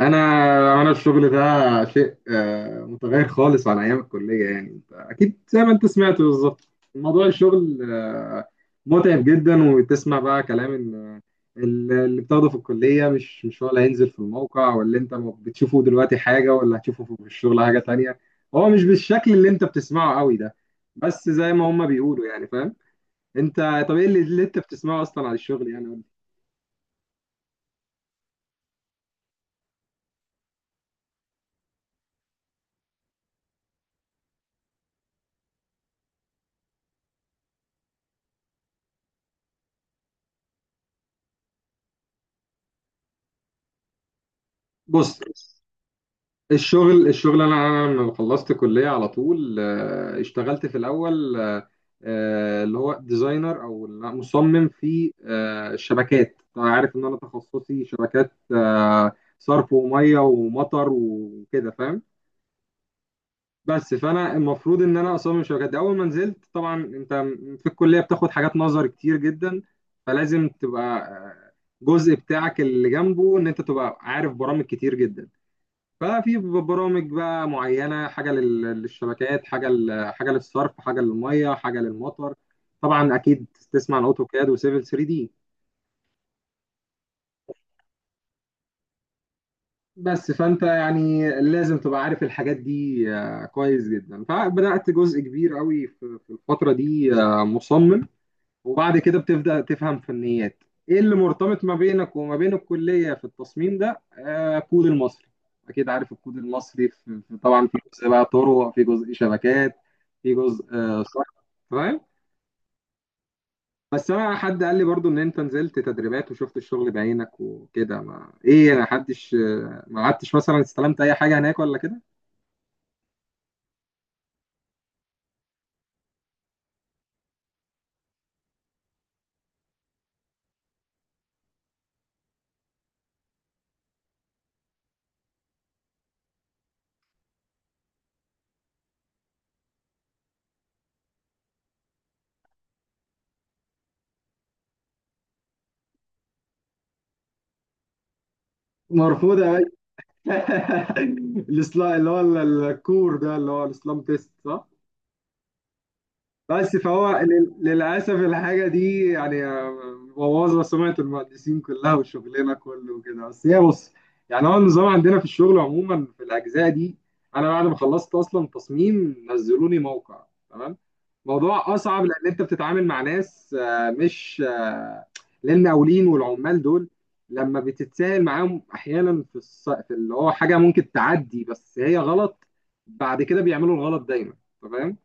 انا انا الشغل ده شيء متغير خالص عن ايام الكليه. يعني انت اكيد زي ما انت سمعت بالظبط، موضوع الشغل متعب جدا. وتسمع بقى كلام ان اللي بتاخده في الكليه مش هو اللي هينزل في الموقع، واللي انت بتشوفه دلوقتي حاجه واللي هتشوفه في الشغل حاجه تانية. هو مش بالشكل اللي انت بتسمعه قوي ده. بس زي ما هما بيقولوا، يعني فاهم انت؟ طب ايه اللي انت بتسمعه اصلا عن الشغل يعني؟ بص. الشغل انا لما خلصت كليه على طول اشتغلت في الاول، اللي هو ديزاينر او مصمم في الشبكات. طبعا عارف ان انا تخصصي شبكات، صرف وميه ومطر وكده، فاهم. بس فانا المفروض ان انا اصمم شبكات. اول ما نزلت طبعا انت في الكليه بتاخد حاجات نظر كتير جدا، فلازم تبقى جزء بتاعك اللي جنبه ان انت تبقى عارف برامج كتير جدا. ففي برامج بقى معينه، حاجه للشبكات، حاجه حاجه للصرف، حاجه للميه، حاجه للمطر. طبعا اكيد تسمع عن اوتوكاد وسيفل 3 دي. بس فانت يعني لازم تبقى عارف الحاجات دي كويس جدا. فبدات جزء كبير قوي في الفتره دي مصمم. وبعد كده بتبدأ تفهم فنيات ايه اللي مرتبط ما بينك وما بين الكلية في التصميم ده، آه، الكود المصري. اكيد عارف الكود المصري طبعا في جزء بقى طرق، في جزء شبكات، في جزء آه صح، فاهم. بس انا حد قال لي برضو ان انت نزلت تدريبات وشفت الشغل بعينك وكده. ما ايه، انا حدش ما قعدتش مثلا استلمت اي حاجة هناك ولا كده. مرفوضة يا باشا. الإصلاح- اللي هو ال- الكور ده اللي هو الاسلام تيست، صح. بس فهو للأسف الحاجة دي يعني مبوظة سمعة المهندسين كلها وشغلنا كله وكده. بس هي بص، يعني هو النظام عندنا في الشغل عموما في الأجزاء دي. أنا بعد ما خلصت أصلا تصميم نزلوني موقع. تمام. موضوع أصعب لأن أنت بتتعامل مع ناس مش للمقاولين والعمال دول. لما بتتساهل معاهم أحيانا في اللي هو حاجة ممكن تعدي بس هي غلط، بعد كده بيعملوا الغلط دايما. تمام.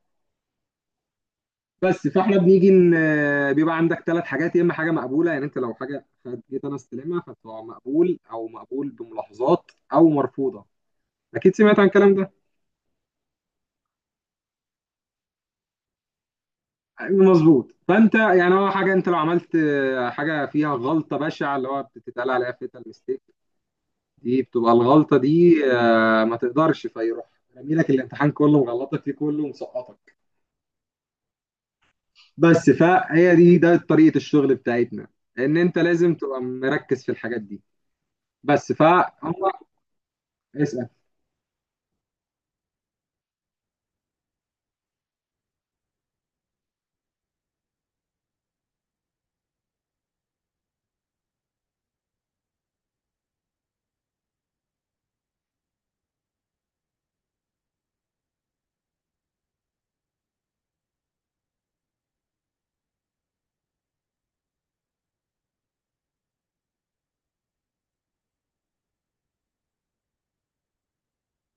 بس فاحنا بنيجي بيبقى عندك 3 حاجات. يا اما حاجه مقبوله، يعني انت لو حاجه جيت انا استلمها فتبقى مقبول، او مقبول بملاحظات، او مرفوضه. اكيد سمعت عن الكلام ده. مظبوط. فانت يعني هو حاجه انت لو عملت حاجه فيها غلطه بشعه اللي هو بتتقال عليها فيتال ميستيك، دي بتبقى الغلطه دي ما تقدرش. فيروح رامي لك الامتحان كله مغلطك فيه كله مسقطك. بس فهي دي ده طريقه الشغل بتاعتنا، ان انت لازم تبقى مركز في الحاجات دي. بس فهم. اسأل.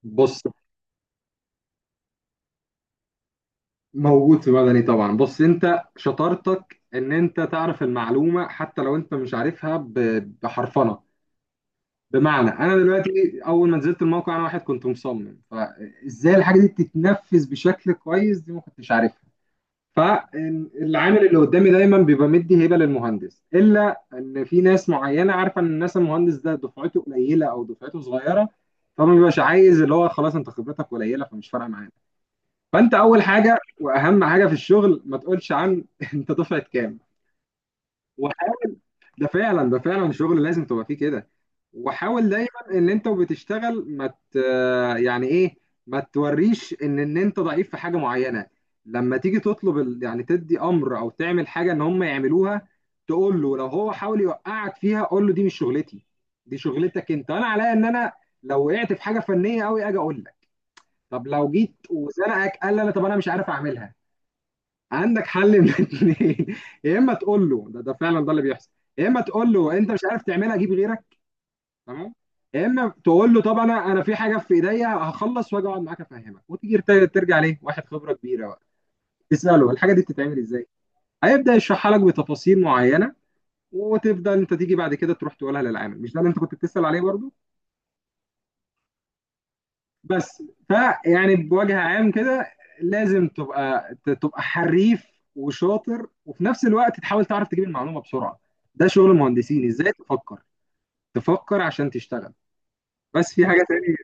بص، موجود في مدني طبعا. بص انت شطارتك ان انت تعرف المعلومة حتى لو انت مش عارفها، بحرفنة. بمعنى انا دلوقتي اول ما نزلت الموقع، انا واحد كنت مصمم، فازاي الحاجة دي تتنفذ بشكل كويس دي ما كنتش عارفها. فالعامل اللي قدامي دايما بيبقى مدي هبة للمهندس، الا ان في ناس معينة عارفة ان الناس المهندس ده دفعته قليلة او دفعته صغيرة، فما بيبقاش عايز. اللي هو خلاص انت خبرتك قليلة فمش فارقة معانا. فانت اول حاجه واهم حاجه في الشغل، ما تقولش عن انت دفعه كام. وح- ده فعلا ده فعلا شغل لازم تبقى فيه كده. وحاول دايما ان انت وبتشتغل ما ت... يعني ايه، ما توريش ان انت ضعيف في حاجه معينه. لما تيجي تطلب ال... يعني تدي امر او تعمل حاجه ان هم يعملوها، تقول له لو هو حاول يوقعك فيها، قول له دي مش شغلتي، دي شغلتك انت. انا عليا ان انا لو وقعت في حاجه فنيه قوي اجي اقول لك. طب لو جيت وزنقك قال لي، انا طب انا مش عارف اعملها. عندك حل من الاثنين. يا اما تقول له ده فعلا ده اللي بيحصل. يا اما تقول له انت مش عارف تعملها، جيب غيرك. تمام. يا اما تقول له طب انا في حاجه في ايديا، هخلص واجي اقعد معاك افهمك، وتيجي ترجع ليه واحد خبره كبيره بقى تساله الحاجه دي بتتعمل ازاي. هيبدا يشرحها لك بتفاصيل معينه وتبدا انت تيجي بعد كده تروح تقولها للعامل، مش ده اللي انت كنت بتسال عليه برضه؟ بس. فيعني بوجه عام كده لازم تبقى تبقى حريف وشاطر، وفي نفس الوقت تحاول تعرف تجيب المعلومه بسرعه. ده شغل المهندسين، ازاي تفكر. تفكر عشان تشتغل. بس في حاجه تانية.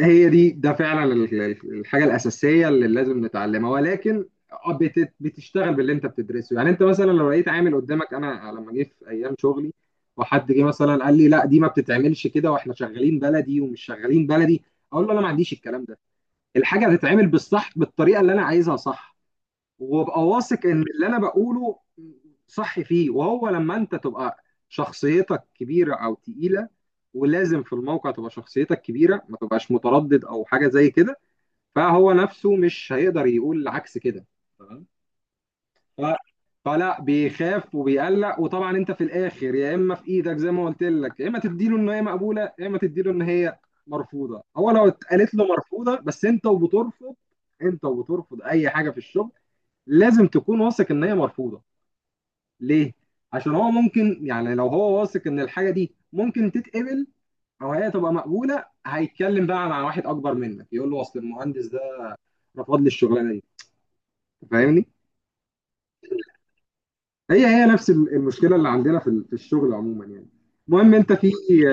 هي دي ده فعلا الحاجه الاساسيه اللي لازم نتعلمها. ولكن آه، بتشتغل باللي انت بتدرسه. يعني انت مثلا لو لقيت عامل قدامك، انا لما جه في ايام شغلي وحد جه مثلا قال لي لا دي ما بتتعملش كده، واحنا شغالين بلدي ومش شغالين بلدي، اقول له انا ما عنديش الكلام ده. الحاجه هتتعمل بالصح بالطريقه اللي انا عايزها، صح. وابقى واثق ان اللي انا بقوله صح فيه. وهو لما انت تبقى شخصيتك كبيره او تقيله، ولازم في الموقع تبقى شخصيتك كبيره ما تبقاش متردد او حاجه زي كده، فهو نفسه مش هيقدر يقول عكس كده. تمام. ف... فلا بيخاف وبيقلق. وطبعا انت في الاخر يا اما في ايدك زي ما قلت لك، يا اما تديله ان هي مقبوله، يا اما تديله ان هي مرفوضه. هو لو اتقالت له مرفوضه، بس انت وبترفض اي حاجه في الشغل لازم تكون واثق ان هي مرفوضه. ليه؟ عشان هو ممكن يعني لو هو واثق ان الحاجه دي ممكن تتقبل او هي تبقى مقبوله، هيتكلم بقى مع واحد اكبر منك، يقول له اصل المهندس ده رفض لي الشغلانه دي، فاهمني. هي هي نفس المشكله اللي عندنا في الشغل عموما يعني. المهم انت في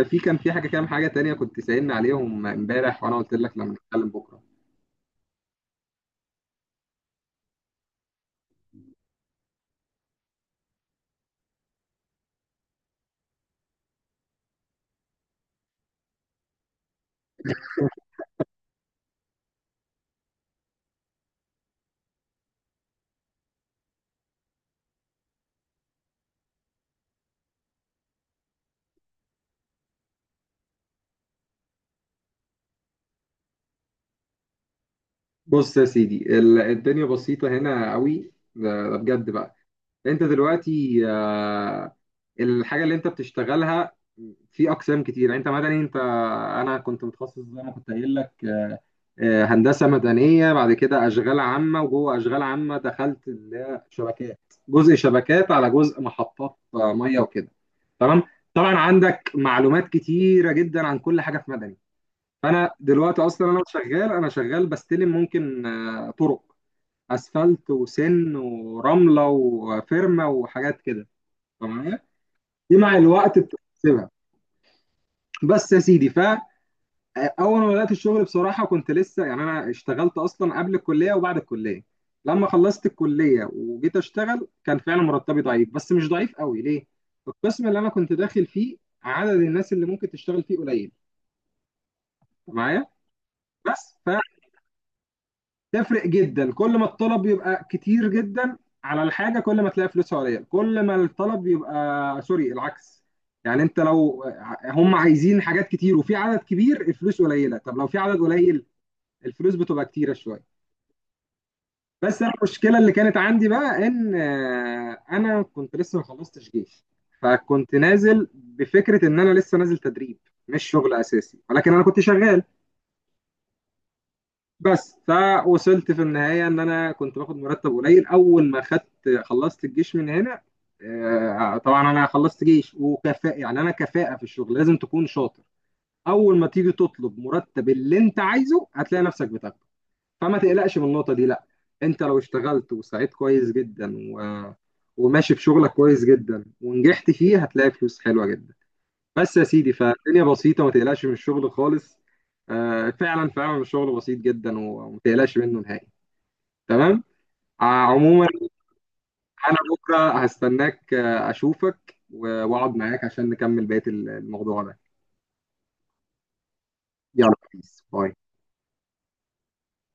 في كان في حاجه، كام حاجه تانية كنت سألني عليهم امبارح وانا قلت لك لما نتكلم بكره. بص يا سيدي، الدنيا بسيطه هنا قوي. ده ده بجد بقى. انت دلوقتي الحاجه اللي انت بتشتغلها في اقسام كتير. يعني انت مثلا انت انا كنت متخصص زي ما كنت قايل لك هندسه مدنيه. بعد كده اشغال عامه، وجوه اشغال عامه دخلت اللي هي شبكات، جزء شبكات على جزء محطات ميه وكده. تمام. طبعا عندك معلومات كتيره جدا عن كل حاجه في مدني. فانا دلوقتي اصلا انا شغال بستلم ممكن طرق، اسفلت وسن ورمله وفرمه وحاجات كده. تمام. دي مع الوقت بتكتسبها. بس يا سيدي، اول ما بدات الشغل بصراحه كنت لسه يعني انا اشتغلت اصلا قبل الكليه وبعد الكليه. لما خلصت الكليه وجيت اشتغل كان فعلا مرتبي ضعيف، بس مش ضعيف قوي. ليه؟ القسم اللي انا كنت داخل فيه عدد الناس اللي ممكن تشتغل فيه قليل. أنت معايا؟ بس. فتفرق جدا كل ما الطلب يبقى كتير جدا على الحاجه، كل ما تلاقي فلوسها قليل. كل ما الطلب يبقى سوري العكس، يعني انت لو هم عايزين حاجات كتير وفي عدد كبير الفلوس قليله. طب لو في عدد قليل الفلوس بتبقى كتيره شويه. بس انا المشكله اللي كانت عندي بقى ان انا كنت لسه ما خلصتش جيش. فكنت نازل بفكره ان انا لسه نازل تدريب مش شغل اساسي، ولكن انا كنت شغال. بس فوصلت في النهايه ان انا كنت باخد مرتب قليل. اول ما خدت خلصت الجيش من هنا طبعا انا خلصت جيش وكفاءه. يعني انا كفاءه في الشغل لازم تكون شاطر. اول ما تيجي تطلب مرتب اللي انت عايزه هتلاقي نفسك بتاخده. فما تقلقش من النقطة دي لا. انت لو اشتغلت وسعيت كويس جدا و... وماشي في شغلك كويس جدا ونجحت فيه هتلاقي فلوس حلوة جدا. بس يا سيدي، فالدنيا بسيطة ما تقلقش من الشغل خالص. فعلا فعلا الشغل بسيط جدا وما تقلقش منه نهائي. تمام. عموما انا بكرة هستناك اشوفك واقعد معاك عشان نكمل بقية الموضوع ده. يلا، بيس باي.